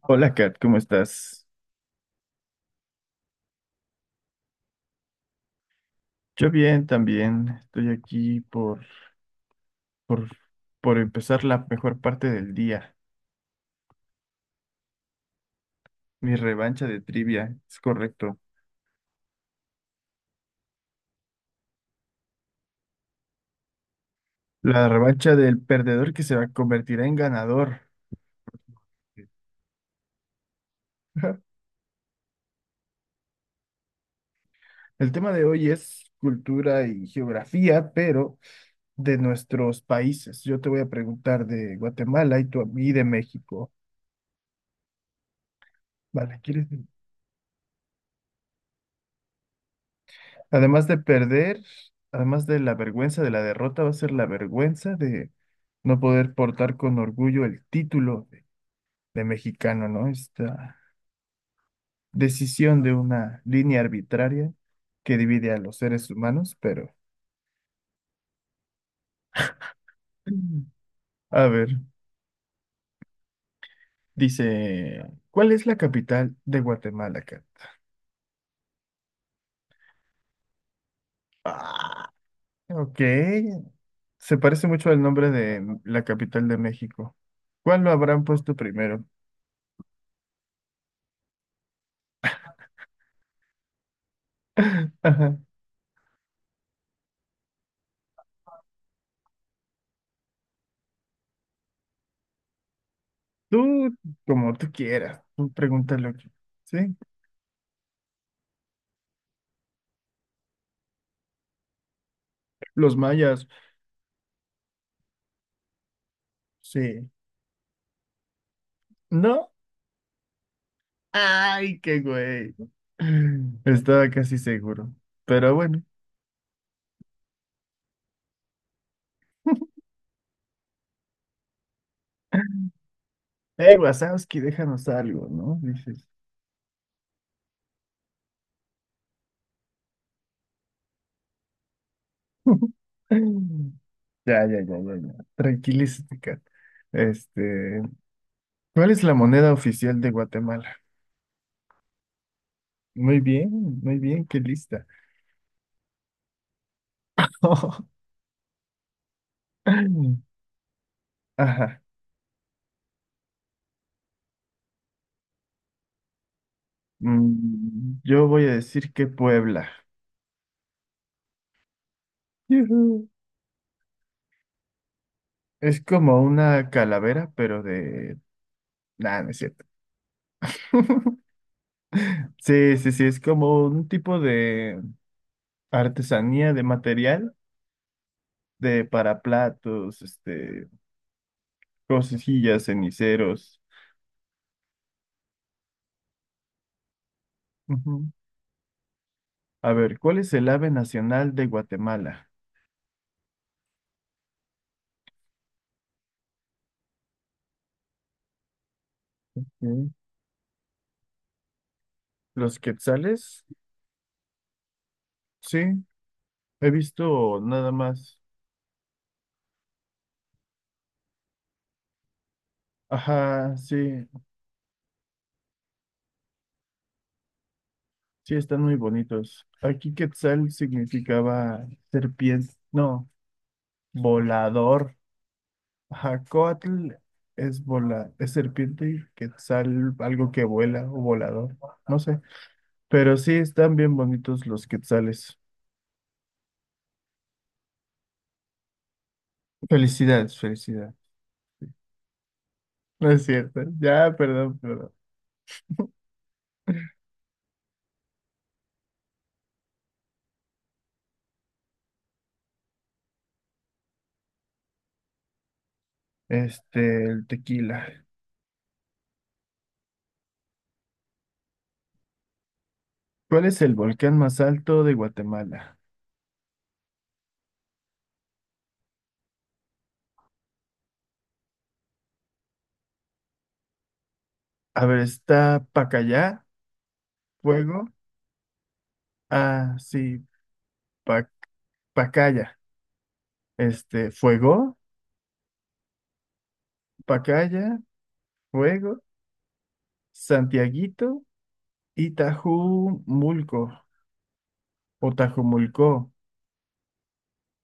Hola Kat, ¿cómo estás? Yo bien también, estoy aquí por, por empezar la mejor parte del día, mi revancha de trivia, es correcto. La revancha del perdedor que convertirá en ganador. El tema de hoy es cultura y geografía, pero de nuestros países. Yo te voy a preguntar de Guatemala y tú a mí de México. Vale, ¿quieres? Además de perder, además de la vergüenza de la derrota, va a ser la vergüenza de no poder portar con orgullo el título de mexicano, ¿no? Esta decisión de una línea arbitraria que divide a los seres humanos, pero a ver, dice, ¿cuál es la capital de Guatemala, Kat? Ah, ok, se parece mucho al nombre de la capital de México. ¿Cuál lo habrán puesto primero? Tú, como tú quieras, tú pregúntale lo que, ¿sí? Los mayas, sí. ¿No? ¡Ay, qué güey! Estaba casi seguro. Pero bueno. Wazowski, déjanos algo, ¿no? Dices. Ya, ya, ya, ya, ya. Tranquilízate, Kat. Este, ¿Cuál es la moneda oficial de Guatemala? Muy bien, muy bien, qué lista. Ajá. Yo voy a decir que Puebla. Yujú. Es como una calavera, pero de. Nada, no es cierto. Sí, sí, sí, es como un tipo de artesanía de material, de para platos, cosillas, ceniceros. Ujú. A ver, ¿cuál es el ave nacional de Guatemala? Mm, ¿Los quetzales? Sí, he visto nada más. Ajá, sí, sí, están muy bonitos. Aquí quetzal significaba serpiente, no, volador. Jacotl es serpiente y quetzal, algo que vuela o volador, no sé. Pero sí están bien bonitos los quetzales. Felicidades, felicidades. No es cierto. Ya, perdón, perdón. El tequila. ¿Cuál es el volcán más alto de Guatemala? A ver, está Pacayá, Fuego. Ah, sí, Pa- Pacaya. Fuego, Pacaya, Fuego, Santiaguito y Mulco o Tajumulco.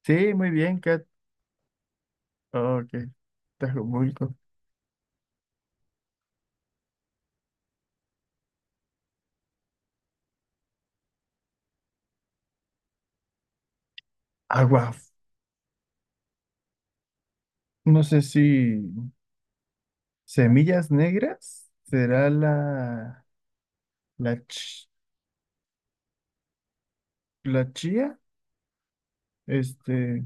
Sí, muy bien, Kat. Oh, ok. Tajumulco. Agua. No sé si semillas negras será la ch- la chía. Este,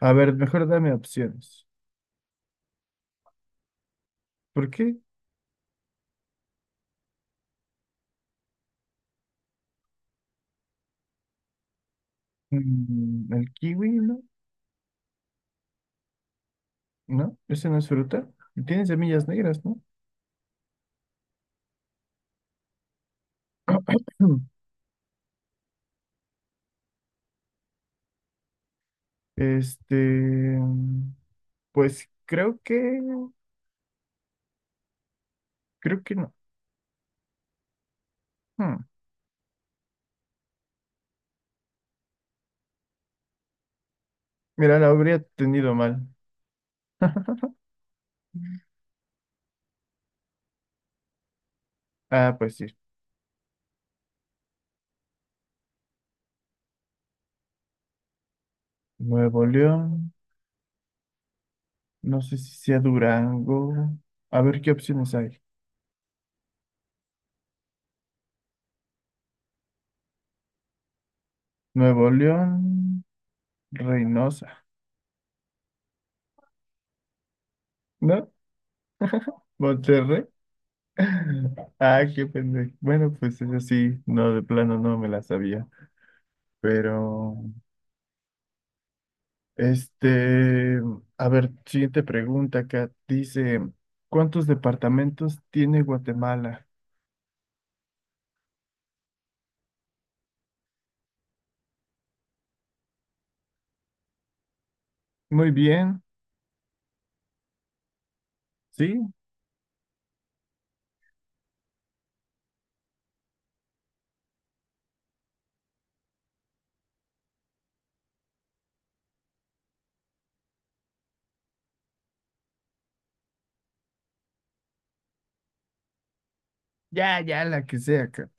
a ver, mejor dame opciones. ¿Por qué? El kiwi, ¿no? ¿No? Ese no es fruta. Y tiene semillas negras, ¿no? Este, mm, pues creo que no. Hmm, Mira, la habría tenido mal. Ah, pues sí. Nuevo León, no sé si sea Durango. A ver qué opciones hay. Nuevo León, Reynosa, ¿no? Monterrey. Ah, qué pendejo. Bueno, pues eso sí, no, de plano no me la sabía. Pero, este, a ver, siguiente pregunta acá. Dice, ¿cuántos departamentos tiene Guatemala? Muy bien, ¿sí? Ya, ya, la que sea, Kat.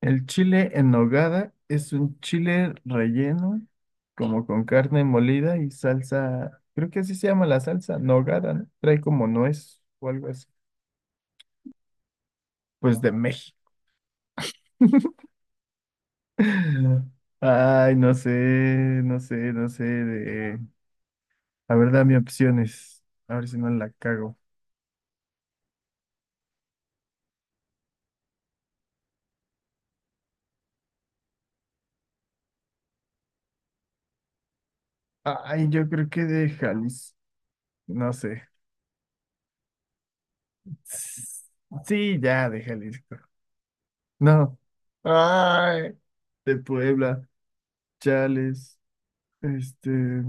El chile en nogada es un chile relleno, como con carne molida y salsa, creo que así se llama la salsa, nogada, ¿no? Trae como nuez o algo así. Pues de México. Ay, no sé, no sé, no sé de. A ver, dame opciones. A ver si no la cago. Ay, yo creo que de Jalisco. No sé. Sí, ya, de Jalisco. No. Ay, de Puebla. Chales. Este,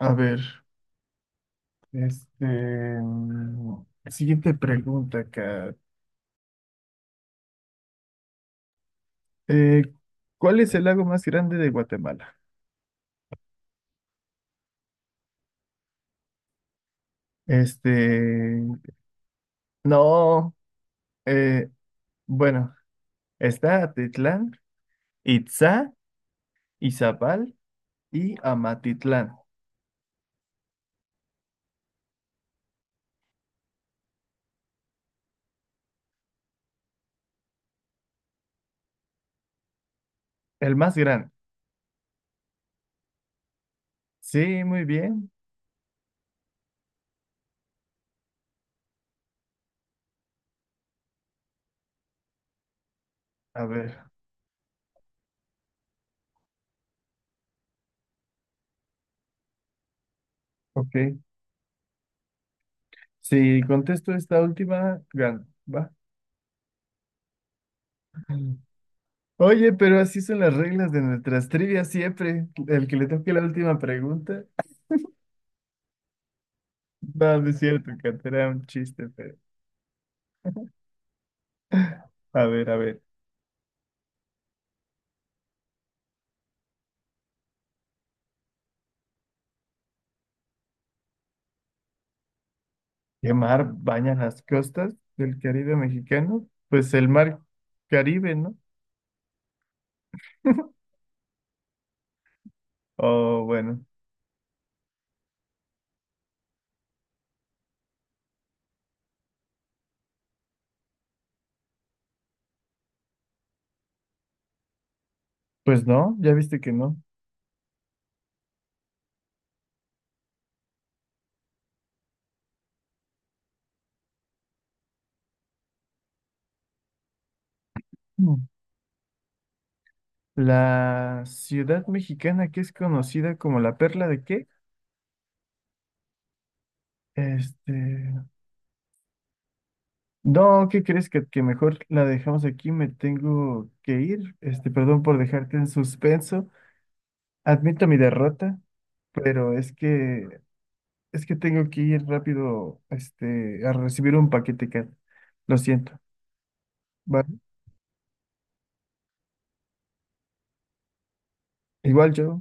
a ver, este, siguiente pregunta acá. Eh, ¿Cuál es el lago más grande de Guatemala? Este, no, eh, bueno, está Atitlán, Itzá, Izabal y Amatitlán, el más grande. Sí, muy bien. A ver, ok. Si contesto esta última, gano, ¿va? Oye, pero así son las reglas de nuestras trivias siempre. El que le toque la última pregunta. No, no es cierto, Kat, era un chiste, pero. A ver, a ver. ¿Qué mar baña las costas del Caribe mexicano? Pues el mar Caribe, ¿no? O bueno, pues no, ya viste que no. Mm. ¿La ciudad mexicana que es conocida como la perla de qué? Este. No, ¿qué crees que mejor la dejamos aquí? Me tengo que ir. Perdón por dejarte en suspenso. Admito mi derrota, pero es que tengo que ir rápido, a recibir un paquete que lo siento. ¿Vale? Igual yo.